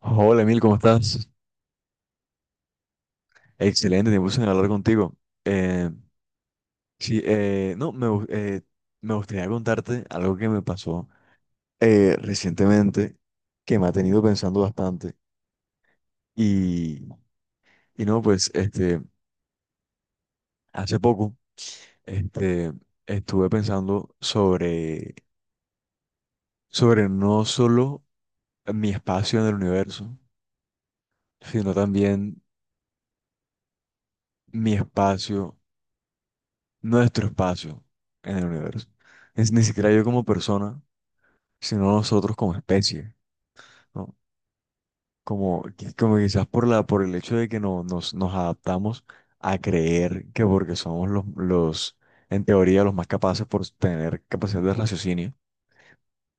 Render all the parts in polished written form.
Hola Emil, ¿cómo estás? Excelente, tiempo sin hablar contigo. Eh, sí, no, me, me gustaría contarte algo que me pasó recientemente que me ha tenido pensando bastante. Y, y no, pues, hace poco, este, estuve pensando sobre no solo mi espacio en el universo, sino también mi espacio, nuestro espacio en el universo. Es, ni siquiera yo como persona sino nosotros como especie, ¿no? Como, como quizás por el hecho de que no, nos adaptamos a creer que porque somos los, en teoría, los más capaces por tener capacidad de raciocinio,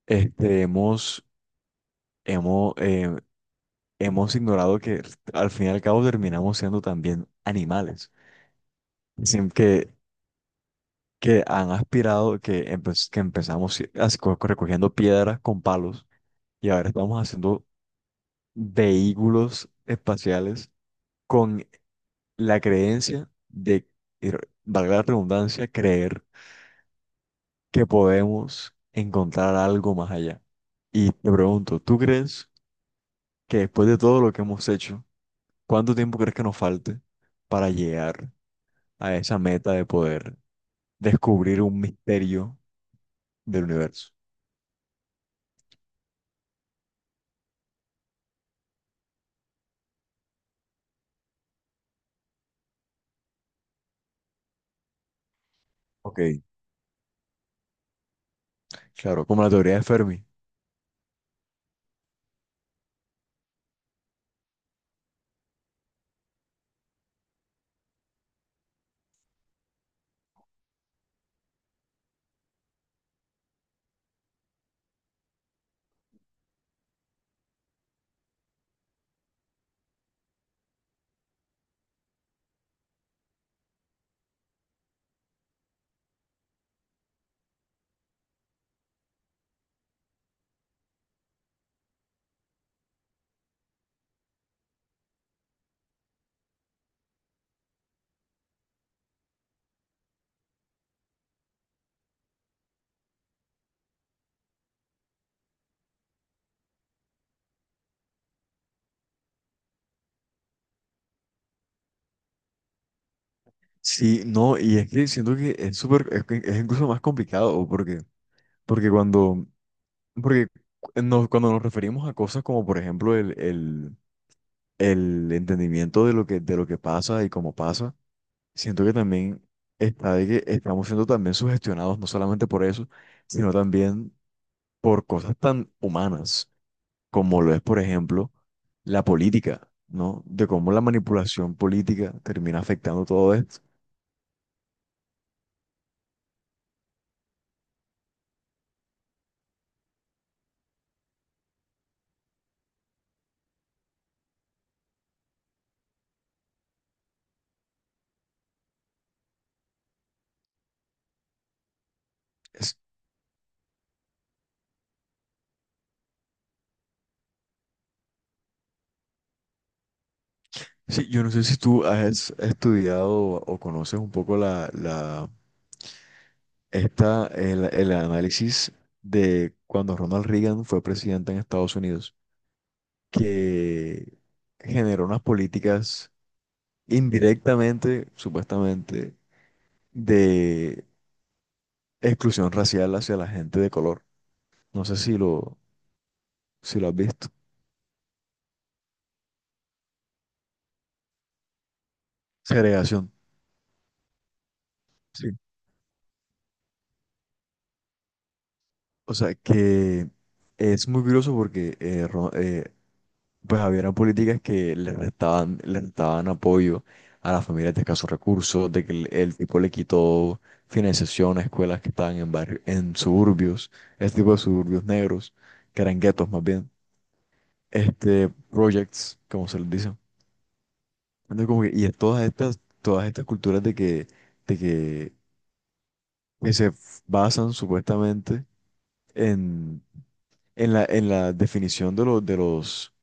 hemos, hemos, eh, hemos ignorado que al fin y al cabo terminamos siendo también animales, sin que, que han aspirado, que, que empezamos recogiendo piedras con palos y ahora estamos haciendo vehículos espaciales con la creencia de, y valga la redundancia, creer que podemos encontrar algo más allá. Y te pregunto, ¿tú crees que después de todo lo que hemos hecho, cuánto tiempo crees que nos falte para llegar a esa meta de poder descubrir un misterio del universo? Ok, claro, como la teoría de Fermi. Sí, no, y es que siento que es súper, es, que es incluso más complicado, porque, porque cuando Porque cuando nos referimos a cosas como, por ejemplo, el entendimiento de lo que pasa y cómo pasa, siento que también está de que estamos siendo también sugestionados, no solamente por eso, sino también por cosas tan humanas como lo es, por ejemplo, la política, ¿no? De cómo la manipulación política termina afectando todo esto. Es- sí, yo no sé si tú has estudiado o conoces un poco la Está el análisis de cuando Ronald Reagan fue presidente en Estados Unidos, que generó unas políticas indirectamente, supuestamente, de exclusión racial hacia la gente de color. No sé si lo, si lo has visto. Segregación. Sí. O sea, que es muy curioso porque pues había políticas que le restaban apoyo a las familias de escasos recursos, de que el tipo le quitó financiación a escuelas que estaban en barrio, en suburbios, este tipo de suburbios negros, que eran guetos más bien, este, projects, como se les dice. Entonces, y es todas estas culturas de que, basan supuestamente en, en la definición de los, de los,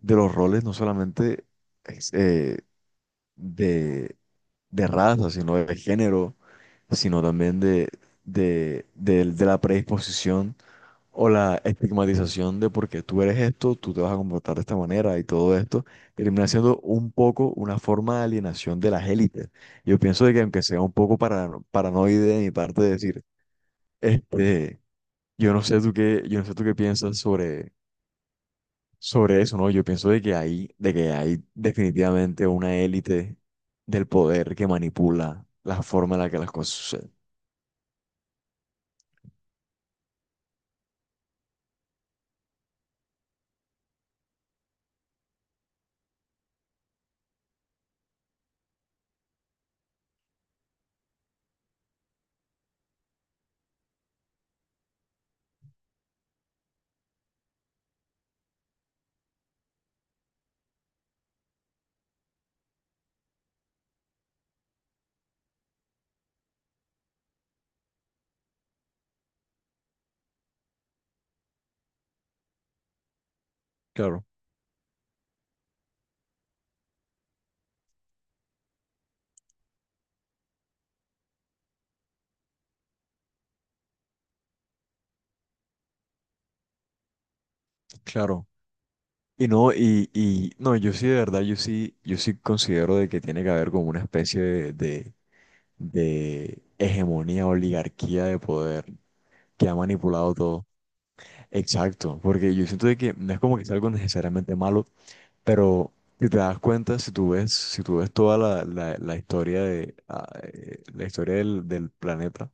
de los roles, no solamente es, de de raza, sino de género, sino también de, de la predisposición o la estigmatización de porque tú eres esto, tú te vas a comportar de esta manera y todo esto, termina siendo un poco una forma de alienación de las élites. Yo pienso de que aunque sea un poco para, paranoide de mi parte decir, este, yo no sé tú qué, yo no sé tú qué piensas sobre eso, ¿no? Yo pienso de que hay definitivamente una élite del poder que manipula la forma en la que las cosas suceden. Claro, claro. Y no, y no, yo sí de verdad, yo sí, yo sí considero de que tiene que haber como una especie de hegemonía, oligarquía de poder que ha manipulado todo. Exacto, porque yo siento de que no es como que sea algo necesariamente malo, pero si te das cuenta, si tú ves, si tú ves toda la historia de la historia del planeta,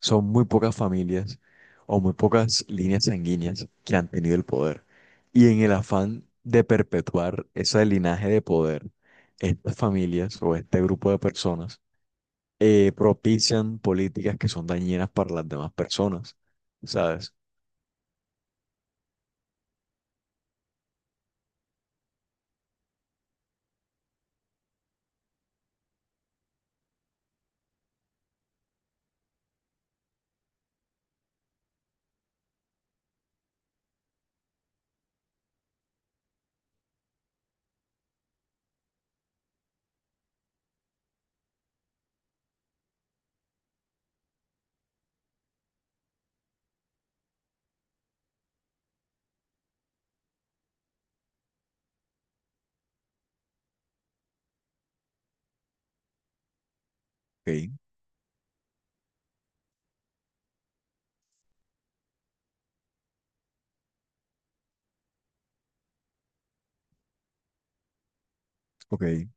son muy pocas familias o muy pocas líneas sanguíneas que han tenido el poder. Y en el afán de perpetuar ese linaje de poder, estas familias o este grupo de personas propician políticas que son dañinas para las demás personas, ¿sabes? Ok, ok.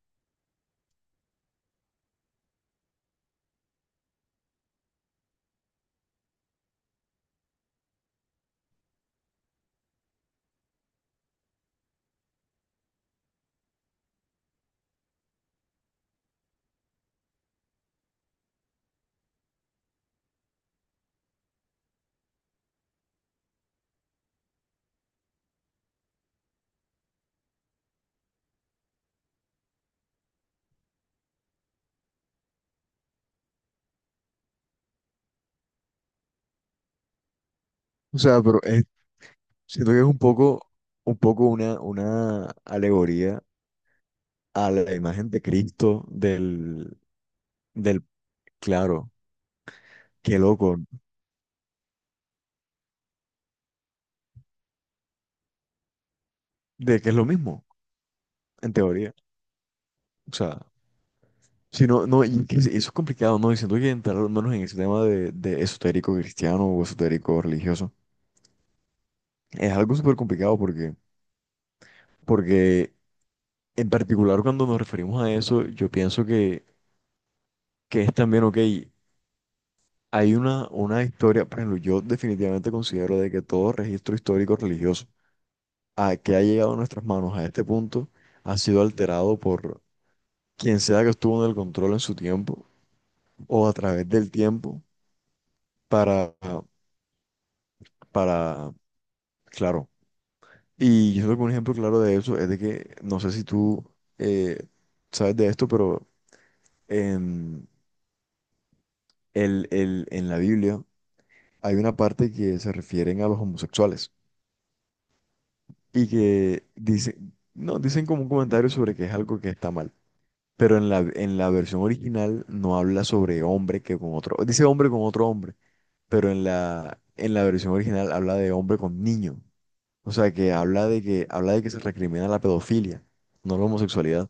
O sea, siento que es un poco una alegoría a la imagen de Cristo del, del, claro, qué loco, de que es lo mismo, en teoría. O sea, si no, no, y que eso es complicado, ¿no? Y siento que entrar al menos en ese tema de esotérico cristiano o esotérico religioso es algo súper complicado porque, porque en particular cuando nos referimos a eso, yo pienso que es también, ok, hay una historia, por ejemplo, yo definitivamente considero de que todo registro histórico religioso a que ha llegado a nuestras manos a este punto ha sido alterado por quien sea que estuvo en el control en su tiempo o a través del tiempo para, para, claro. Y yo creo que un ejemplo claro de eso es de que, no sé si tú eh, sabes de esto, pero en, en la Biblia hay una parte que se refieren a los homosexuales y que dicen, no, dicen como un comentario sobre que es algo que está mal, pero en la versión original no habla sobre hombre que con otro, dice hombre con otro hombre, pero en la versión original habla de hombre con niño, o sea que habla de que, habla de que se recrimina la pedofilia, no la homosexualidad.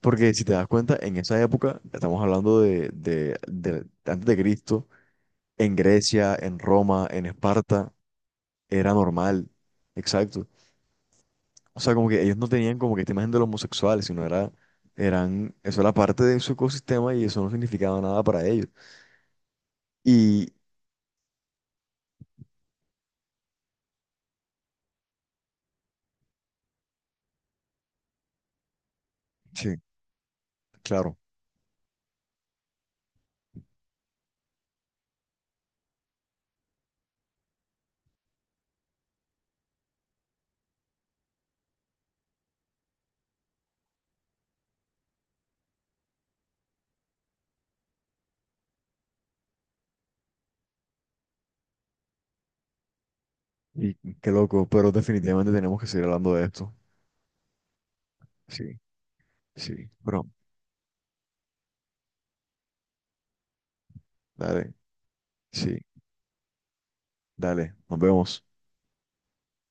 Porque si te das cuenta, en esa época, estamos hablando de, de antes de Cristo, en Grecia, en Roma, en Esparta, era normal. Exacto. O sea, como que ellos no tenían como que esta imagen de los homosexuales, sino era, eran, eso era parte de su ecosistema y eso no significaba nada para ellos. Y sí, claro. Y qué loco, pero definitivamente tenemos que seguir hablando de esto. Sí, sí. Bro, dale, sí, dale, nos vemos.